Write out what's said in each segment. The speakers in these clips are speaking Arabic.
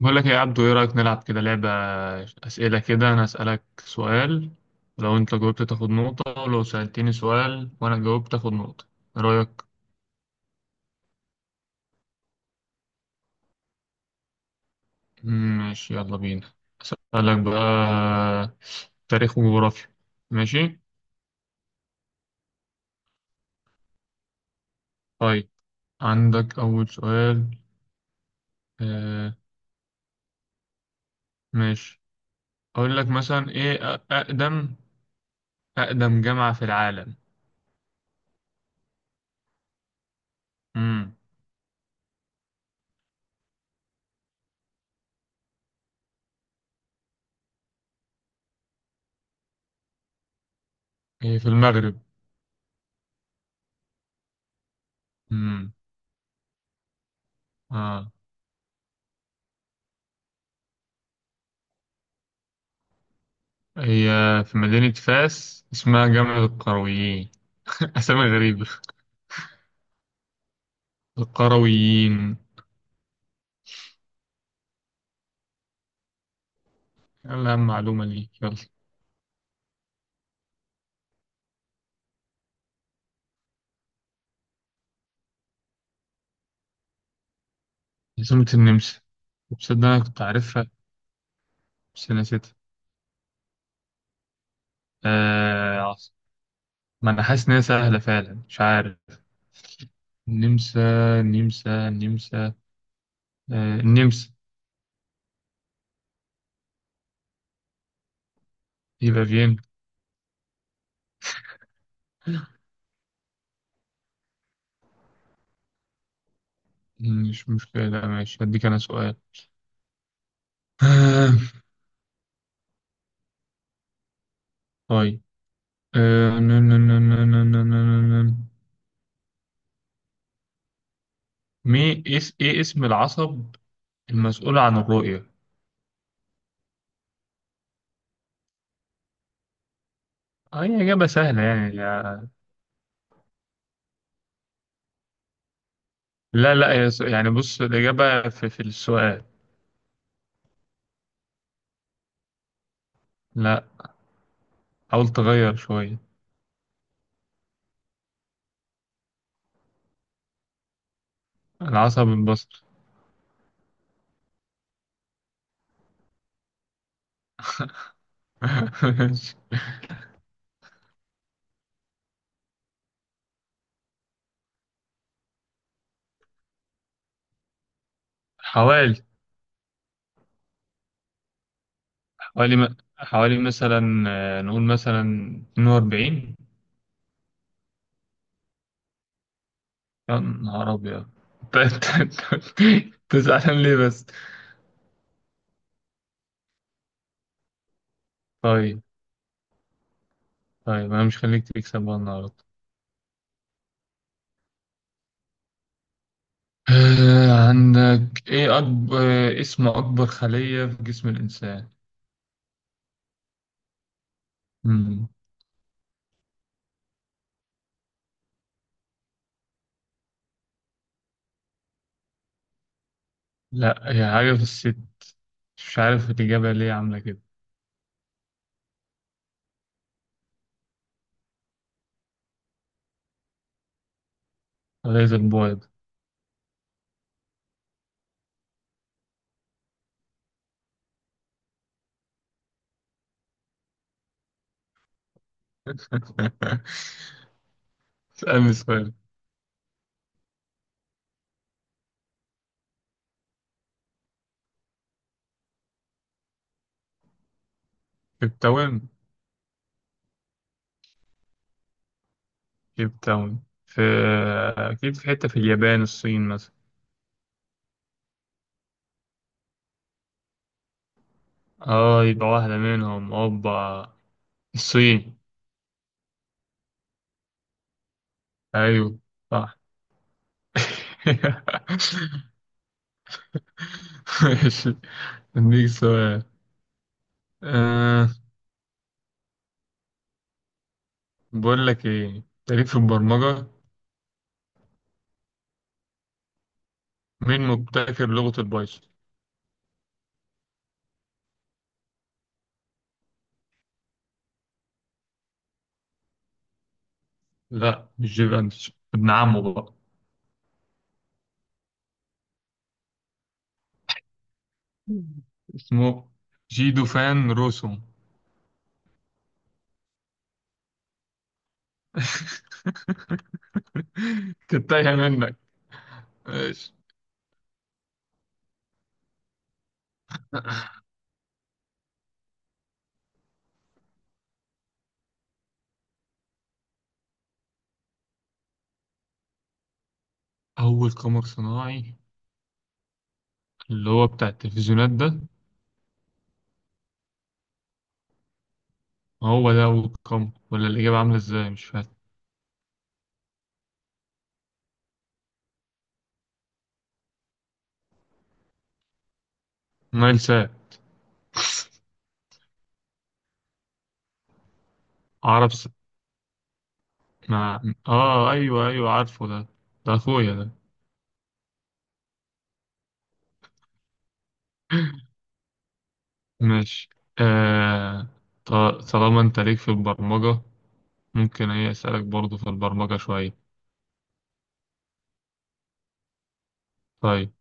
بقول لك إيه يا عبدو، ايه رأيك نلعب كده لعبة أسئلة كده؟ انا أسألك سؤال، لو انت جاوبت تاخد نقطة، ولو سألتني سؤال وانا جاوبت تاخد نقطة. إيه رأيك؟ ماشي يلا بينا. أسألك بقى تاريخ وجغرافيا. ماشي. طيب، عندك أول سؤال. آه ماشي. أقول لك مثلا ايه أقدم أقدم جامعة في العالم. مم. إيه، في المغرب. مم. آه. هي في مدينة فاس، اسمها جامع القرويين. أسامي غريبة. القرويين. يلا أهم معلومة لي، يلا. عاصمة النمسا، تصدق أنا كنت عارفها بس نسيتها. آه عاص- ما أنا حاسس إن هي سهلة فعلا، مش عارف. النمسا النمسا النمسا، آه النمسا. يبقى فيينا. مش مشكلة، لا ماشي، هديك أنا سؤال. طيب، آه، نن- نن- نن- نن- نن- نن- نن. مي اس ايه اسم العصب المسؤول عن الرؤية. اه هي إجابة سهلة لا لا، هي س- يعني بص الإجابة في السؤال. لا، حاول تغير شوية. العصب البصري. حوالي. حوالي مثلا، نقول مثلا 42. يا نهار أبيض! أنت- تزعلان ليه بس؟ طيب، طيب أنا مش خليك تكسب بقى النهاردة. عندك ايه؟ اكبر، اسم اكبر خلية في جسم الانسان. مم. لا، هي حاجة في الست، مش عارف الاجابة ليه عاملة كده. غيظ البويض. اسألني سؤال. كيبتاون. كيبتاون في، اكيد في حتة في اليابان، الصين مثلا. اه يبقى واحدة منهم، اوبا الصين. ايوه، صح. ماشي، اديك سؤال. آه، بقول لك ايه؟ تاريخ في البرمجة. مين مبتكر لغة البايثون؟ لا مش جيب اندرسون، ابن عمه بقى. اسمه جيدو فان روسوم. كنت تايهة منك. ماشي. أول قمر صناعي اللي هو بتاع التلفزيونات ده. هو ده أول قمر ولا الإجابة عاملة إزاي؟ مش فاهم. نايل ساب. عرب س... مع، آه أيوه أيوه عارفه ده، ده أخويا ده. ماشي. آه... ط- طالما انت ليك في البرمجة، ممكن ايه اسألك برضو في البرمجة شوية. طيب،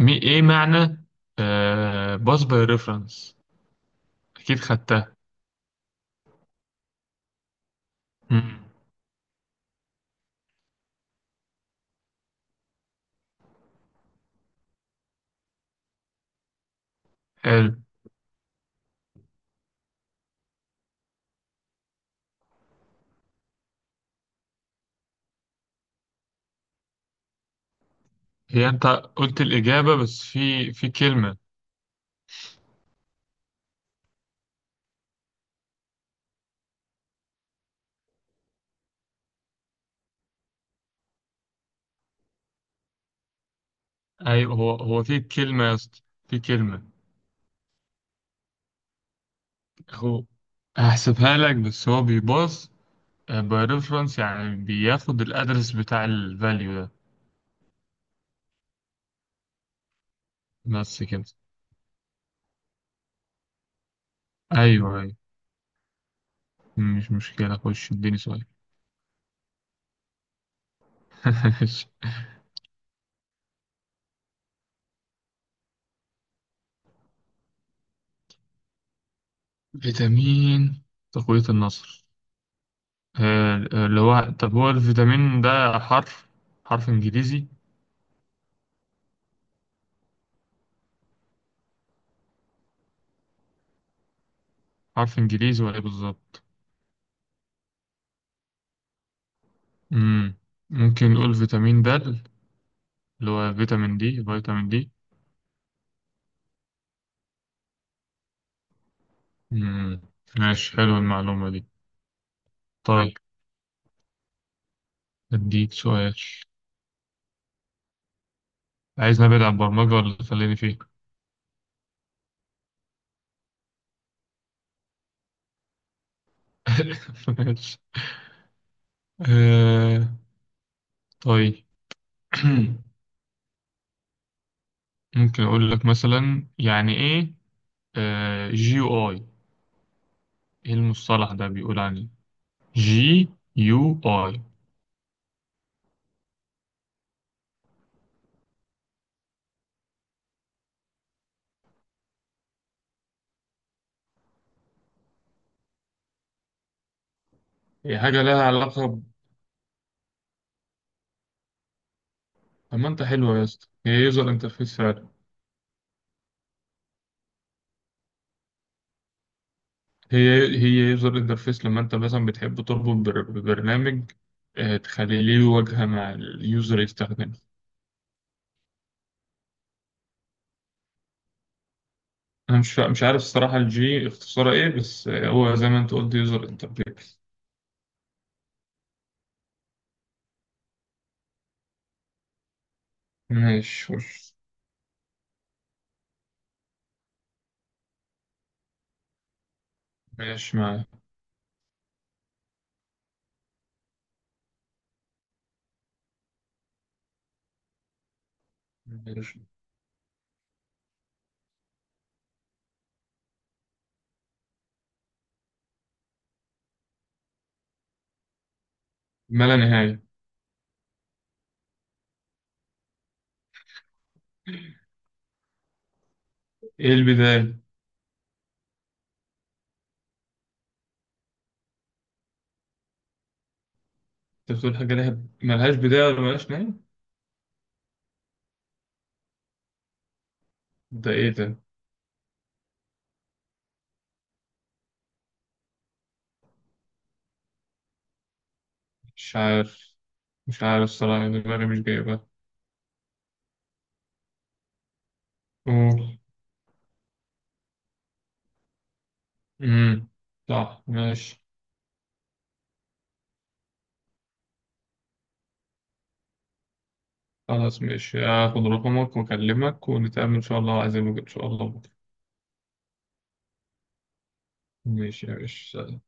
ايه معنى باس باي ريفرنس؟ اكيد خدتها. مم. حلو. هي انت قلت الإجابة بس في كلمة. ايوه، هو في كلمة يا اسطى. في كلمة. هو هحسبها لك، بس هو بيباص باي ريفرنس، يعني بياخد الأدرس بتاع الفاليو ده. بس كده. ايوه ايوه، مش مشكلة، خش اديني سؤال. فيتامين تقوية النصر. اللي هو، طب هو الفيتامين ده حرف، حرف انجليزي؟ حرف انجليزي ولا ايه بالظبط؟ مم. ممكن نقول فيتامين د، اللي هو فيتامين دي، فيتامين دي. مم. ماشي، حلو المعلومة دي. طيب، اديك سؤال. عايز نبعد عن البرمجة ولا خليني فيه؟ ماشي. آه، طيب. ممكن اقول لك مثلا يعني ايه آه جي او اي؟ ايه المصطلح ده بيقول عليه؟ جي يو اي. هي حاجة لها علاقة ب... طب ما انت حلوة يا اسطى، هي يوزر انترفيس فعلا. هي هي يوزر انترفيس، لما انت مثلا بتحب تربط ببرنامج، تخلي ليه واجهة مع اليوزر يستخدمه. انا مش عارف الصراحة الجي اختصارها ايه، بس هو زي ما انت قلت، يوزر انترفيس. ماشي وش. ماشي معايا. ماشي. ما لا نهاية. ايه البداية؟ انت بتقول حاجة لها ملهاش بداية ولا ملهاش نهاية؟ ده ايه ده؟ مش عارف، مش عارف الصراحة، يعني دماغي مش جايبها. قول. امم، صح ماشي. خلاص ماشي، هاخد رقمك واكلمك ونتقابل ان شاء الله، عايزين ان شاء الله بكره. ماشي يا باشا.